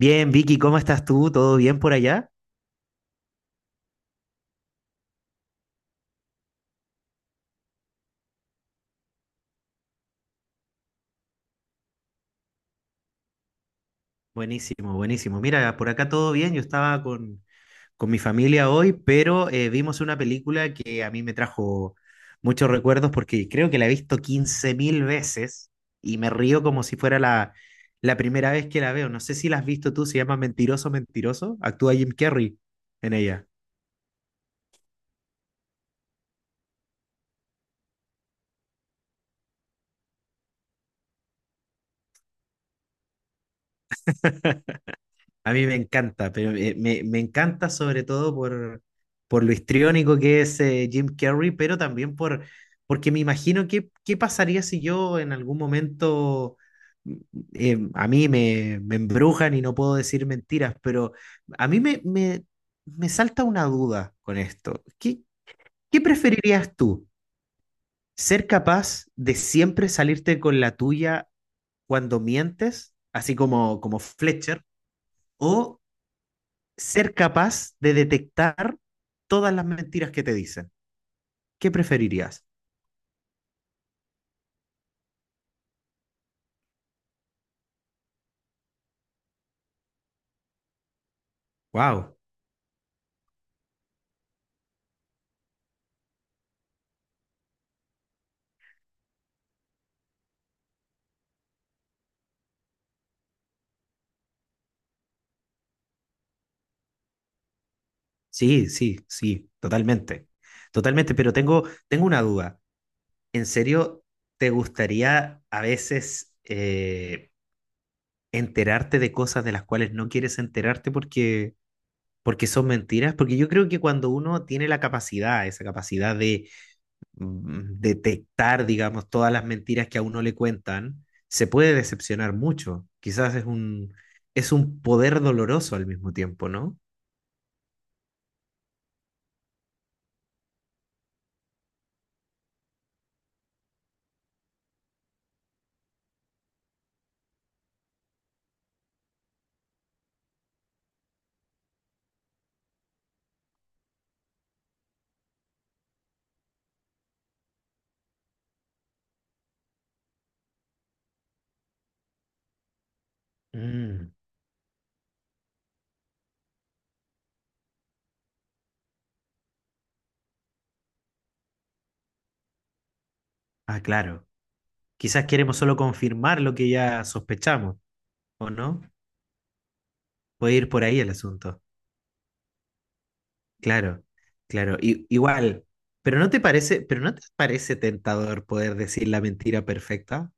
Bien, Vicky, ¿cómo estás tú? ¿Todo bien por allá? Buenísimo, buenísimo. Mira, por acá todo bien. Yo estaba con mi familia hoy, pero vimos una película que a mí me trajo muchos recuerdos porque creo que la he visto 15.000 veces y me río como si fuera la primera vez que la veo. No sé si la has visto tú, se llama Mentiroso, Mentiroso. Actúa Jim Carrey en ella. A mí me encanta, pero me encanta sobre todo por lo histriónico que es Jim Carrey, pero también por, porque me imagino qué, qué pasaría si yo en algún momento mm, a mí me embrujan y no puedo decir mentiras, pero a mí me salta una duda con esto. ¿Qué, qué preferirías tú? ¿Ser capaz de siempre salirte con la tuya cuando mientes, así como, como Fletcher? ¿O ser capaz de detectar todas las mentiras que te dicen? ¿Qué preferirías? Wow. Sí, sí, sí, totalmente. Totalmente, pero tengo, tengo una duda. ¿En serio te gustaría a veces enterarte de cosas de las cuales no quieres enterarte porque, porque son mentiras? Porque yo creo que cuando uno tiene la capacidad, esa capacidad de detectar, digamos, todas las mentiras que a uno le cuentan, se puede decepcionar mucho. Quizás es un poder doloroso al mismo tiempo, ¿no? Mm, ah, claro. Quizás queremos solo confirmar lo que ya sospechamos, ¿o no? Puede ir por ahí el asunto. Claro, claro. Igual, pero ¿no te parece, pero no te parece tentador poder decir la mentira perfecta?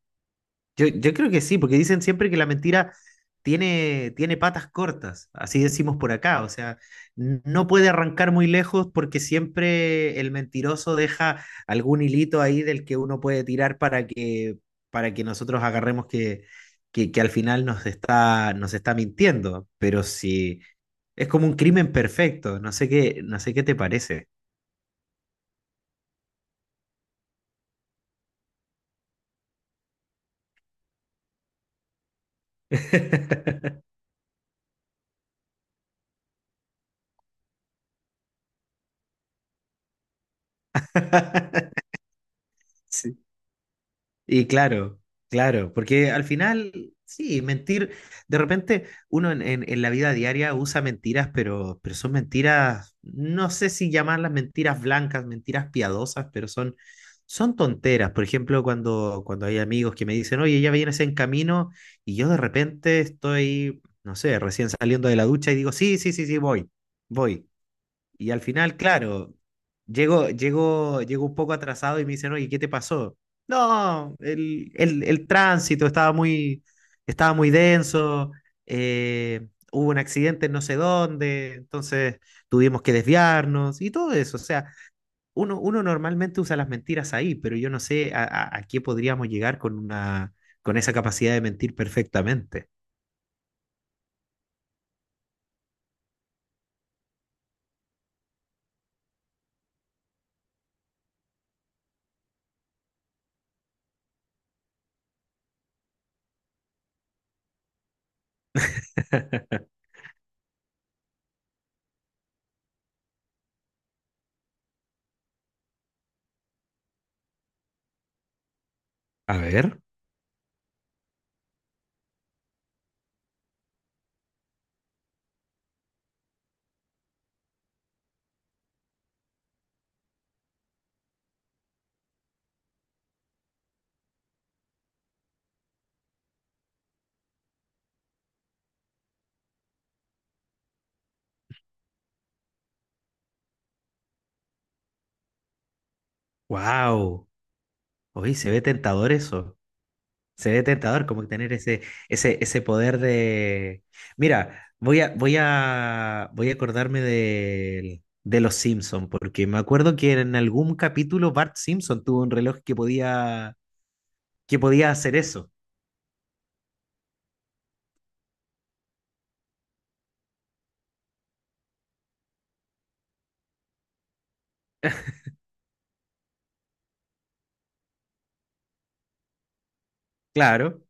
Yo creo que sí, porque dicen siempre que la mentira tiene, tiene patas cortas, así decimos por acá, o sea, no puede arrancar muy lejos porque siempre el mentiroso deja algún hilito ahí del que uno puede tirar para que nosotros agarremos que al final nos está mintiendo, pero sí, es como un crimen perfecto, no sé qué, no sé qué te parece. Sí. Y claro, claro, porque al final, sí, mentir, de repente uno en, en la vida diaria usa mentiras, pero son mentiras, no sé si llamarlas mentiras blancas, mentiras piadosas, pero son, son tonteras. Por ejemplo, cuando, cuando hay amigos que me dicen, oye, ya vienes en camino, y yo de repente estoy, no sé, recién saliendo de la ducha y digo, sí, sí, sí, sí, voy, voy. Y al final, claro, llego, llego, llego un poco atrasado y me dicen, oye, ¿qué te pasó? No, el tránsito estaba muy denso, hubo un accidente en no sé dónde, entonces tuvimos que desviarnos y todo eso. O sea, uno, uno normalmente usa las mentiras ahí, pero yo no sé a qué podríamos llegar con una, con esa capacidad de mentir perfectamente. A ver, wow, oye, se ve tentador eso. Se ve tentador como tener ese, ese, ese poder de... Mira, voy a, voy a, voy a acordarme de, los Simpson, porque me acuerdo que en algún capítulo Bart Simpson tuvo un reloj que podía hacer eso. Claro,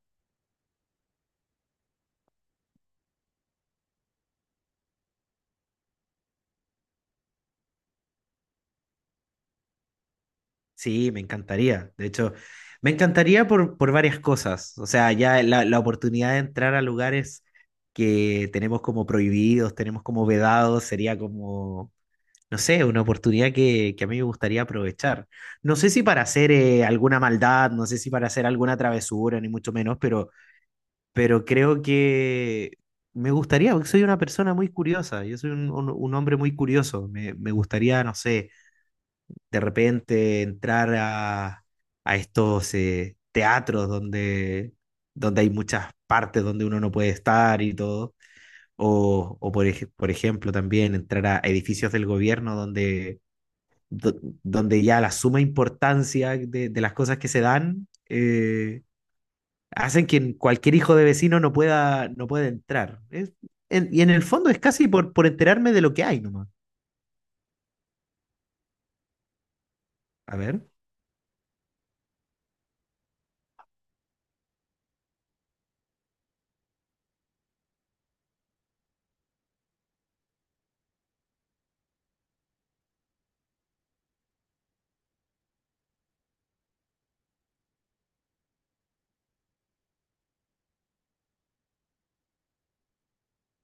sí, me encantaría. De hecho, me encantaría por varias cosas. O sea, ya la oportunidad de entrar a lugares que tenemos como prohibidos, tenemos como vedados, sería como no sé, una oportunidad que a mí me gustaría aprovechar. No sé si para hacer alguna maldad, no sé si para hacer alguna travesura, ni mucho menos, pero creo que me gustaría, porque soy una persona muy curiosa, yo soy un, un hombre muy curioso, me gustaría, no sé, de repente entrar a estos teatros donde, donde hay muchas partes donde uno no puede estar y todo. O por, por ejemplo, también entrar a edificios del gobierno donde do- donde ya la suma importancia de las cosas que se dan hacen que cualquier hijo de vecino no pueda, no pueda entrar. Y en el fondo es casi por enterarme de lo que hay nomás. A ver.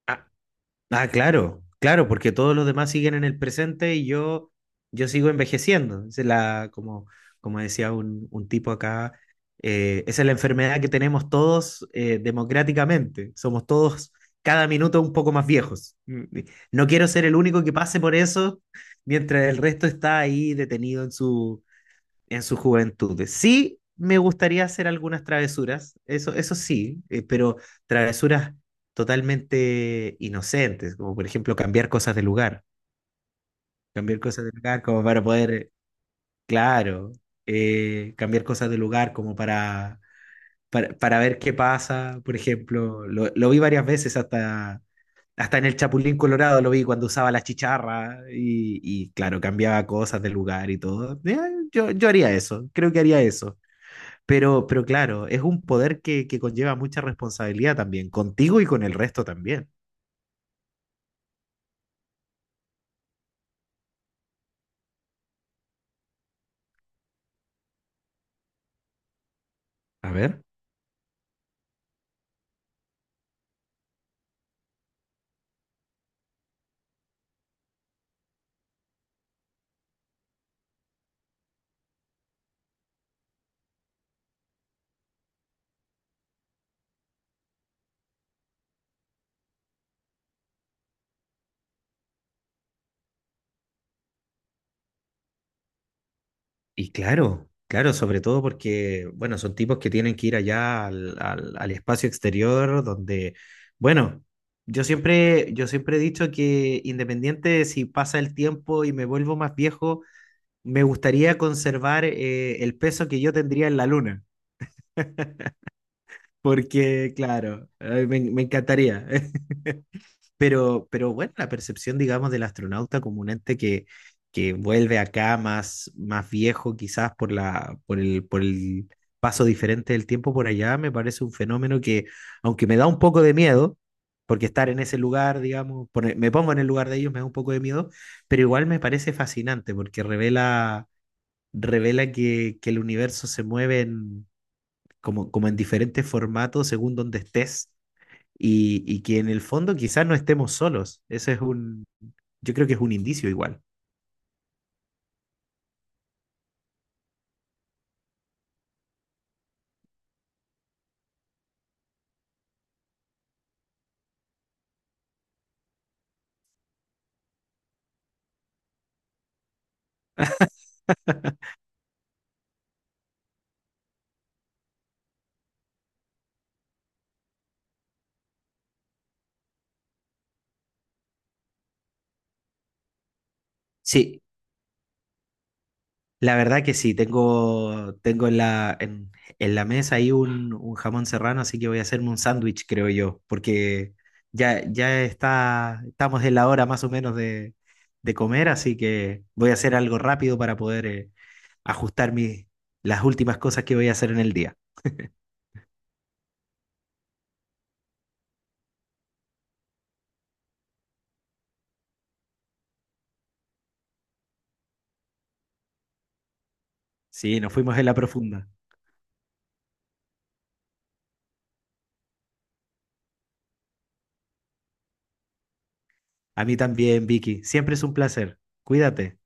Ah, ah, claro, claro, porque todos los demás siguen en el presente y yo sigo envejeciendo. Esa es la, como, como decía un tipo acá, esa es la enfermedad que tenemos todos democráticamente. Somos todos cada minuto un poco más viejos. No quiero ser el único que pase por eso mientras el resto está ahí detenido en su juventud. Sí, me gustaría hacer algunas travesuras, eso sí, pero travesuras totalmente inocentes, como por ejemplo cambiar cosas de lugar, cambiar cosas de lugar como para poder, claro, cambiar cosas de lugar como para ver qué pasa, por ejemplo, lo vi varias veces hasta hasta en el Chapulín Colorado lo vi cuando usaba la chicharra y claro, cambiaba cosas de lugar y todo. Yo, yo haría eso, creo que haría eso. Pero claro, es un poder que conlleva mucha responsabilidad también, contigo y con el resto también. A ver. Y claro, claro, sobre todo porque, bueno, son tipos que tienen que ir allá al, al espacio exterior donde, bueno, yo siempre he dicho que independiente de si pasa el tiempo y me vuelvo más viejo, me gustaría conservar el peso que yo tendría en la luna, porque, claro, me, me encantaría. Pero bueno, la percepción, digamos, del astronauta como un ente que vuelve acá más, más viejo, quizás por la, por el paso diferente del tiempo por allá, me parece un fenómeno que, aunque me da un poco de miedo, porque estar en ese lugar, digamos, me pongo en el lugar de ellos, me da un poco de miedo, pero igual me parece fascinante porque revela, revela que el universo se mueve como, como en diferentes formatos según donde estés y que en el fondo quizás no estemos solos. Ese es un, yo creo que es un indicio igual. Sí, la verdad que sí, tengo, tengo en la mesa ahí un jamón serrano, así que voy a hacerme un sándwich, creo yo, porque ya, ya está, estamos en la hora más o menos de comer, así que voy a hacer algo rápido para poder ajustar mis, las últimas cosas que voy a hacer en el día. Sí, nos fuimos en la profunda. A mí también, Vicky. Siempre es un placer. Cuídate.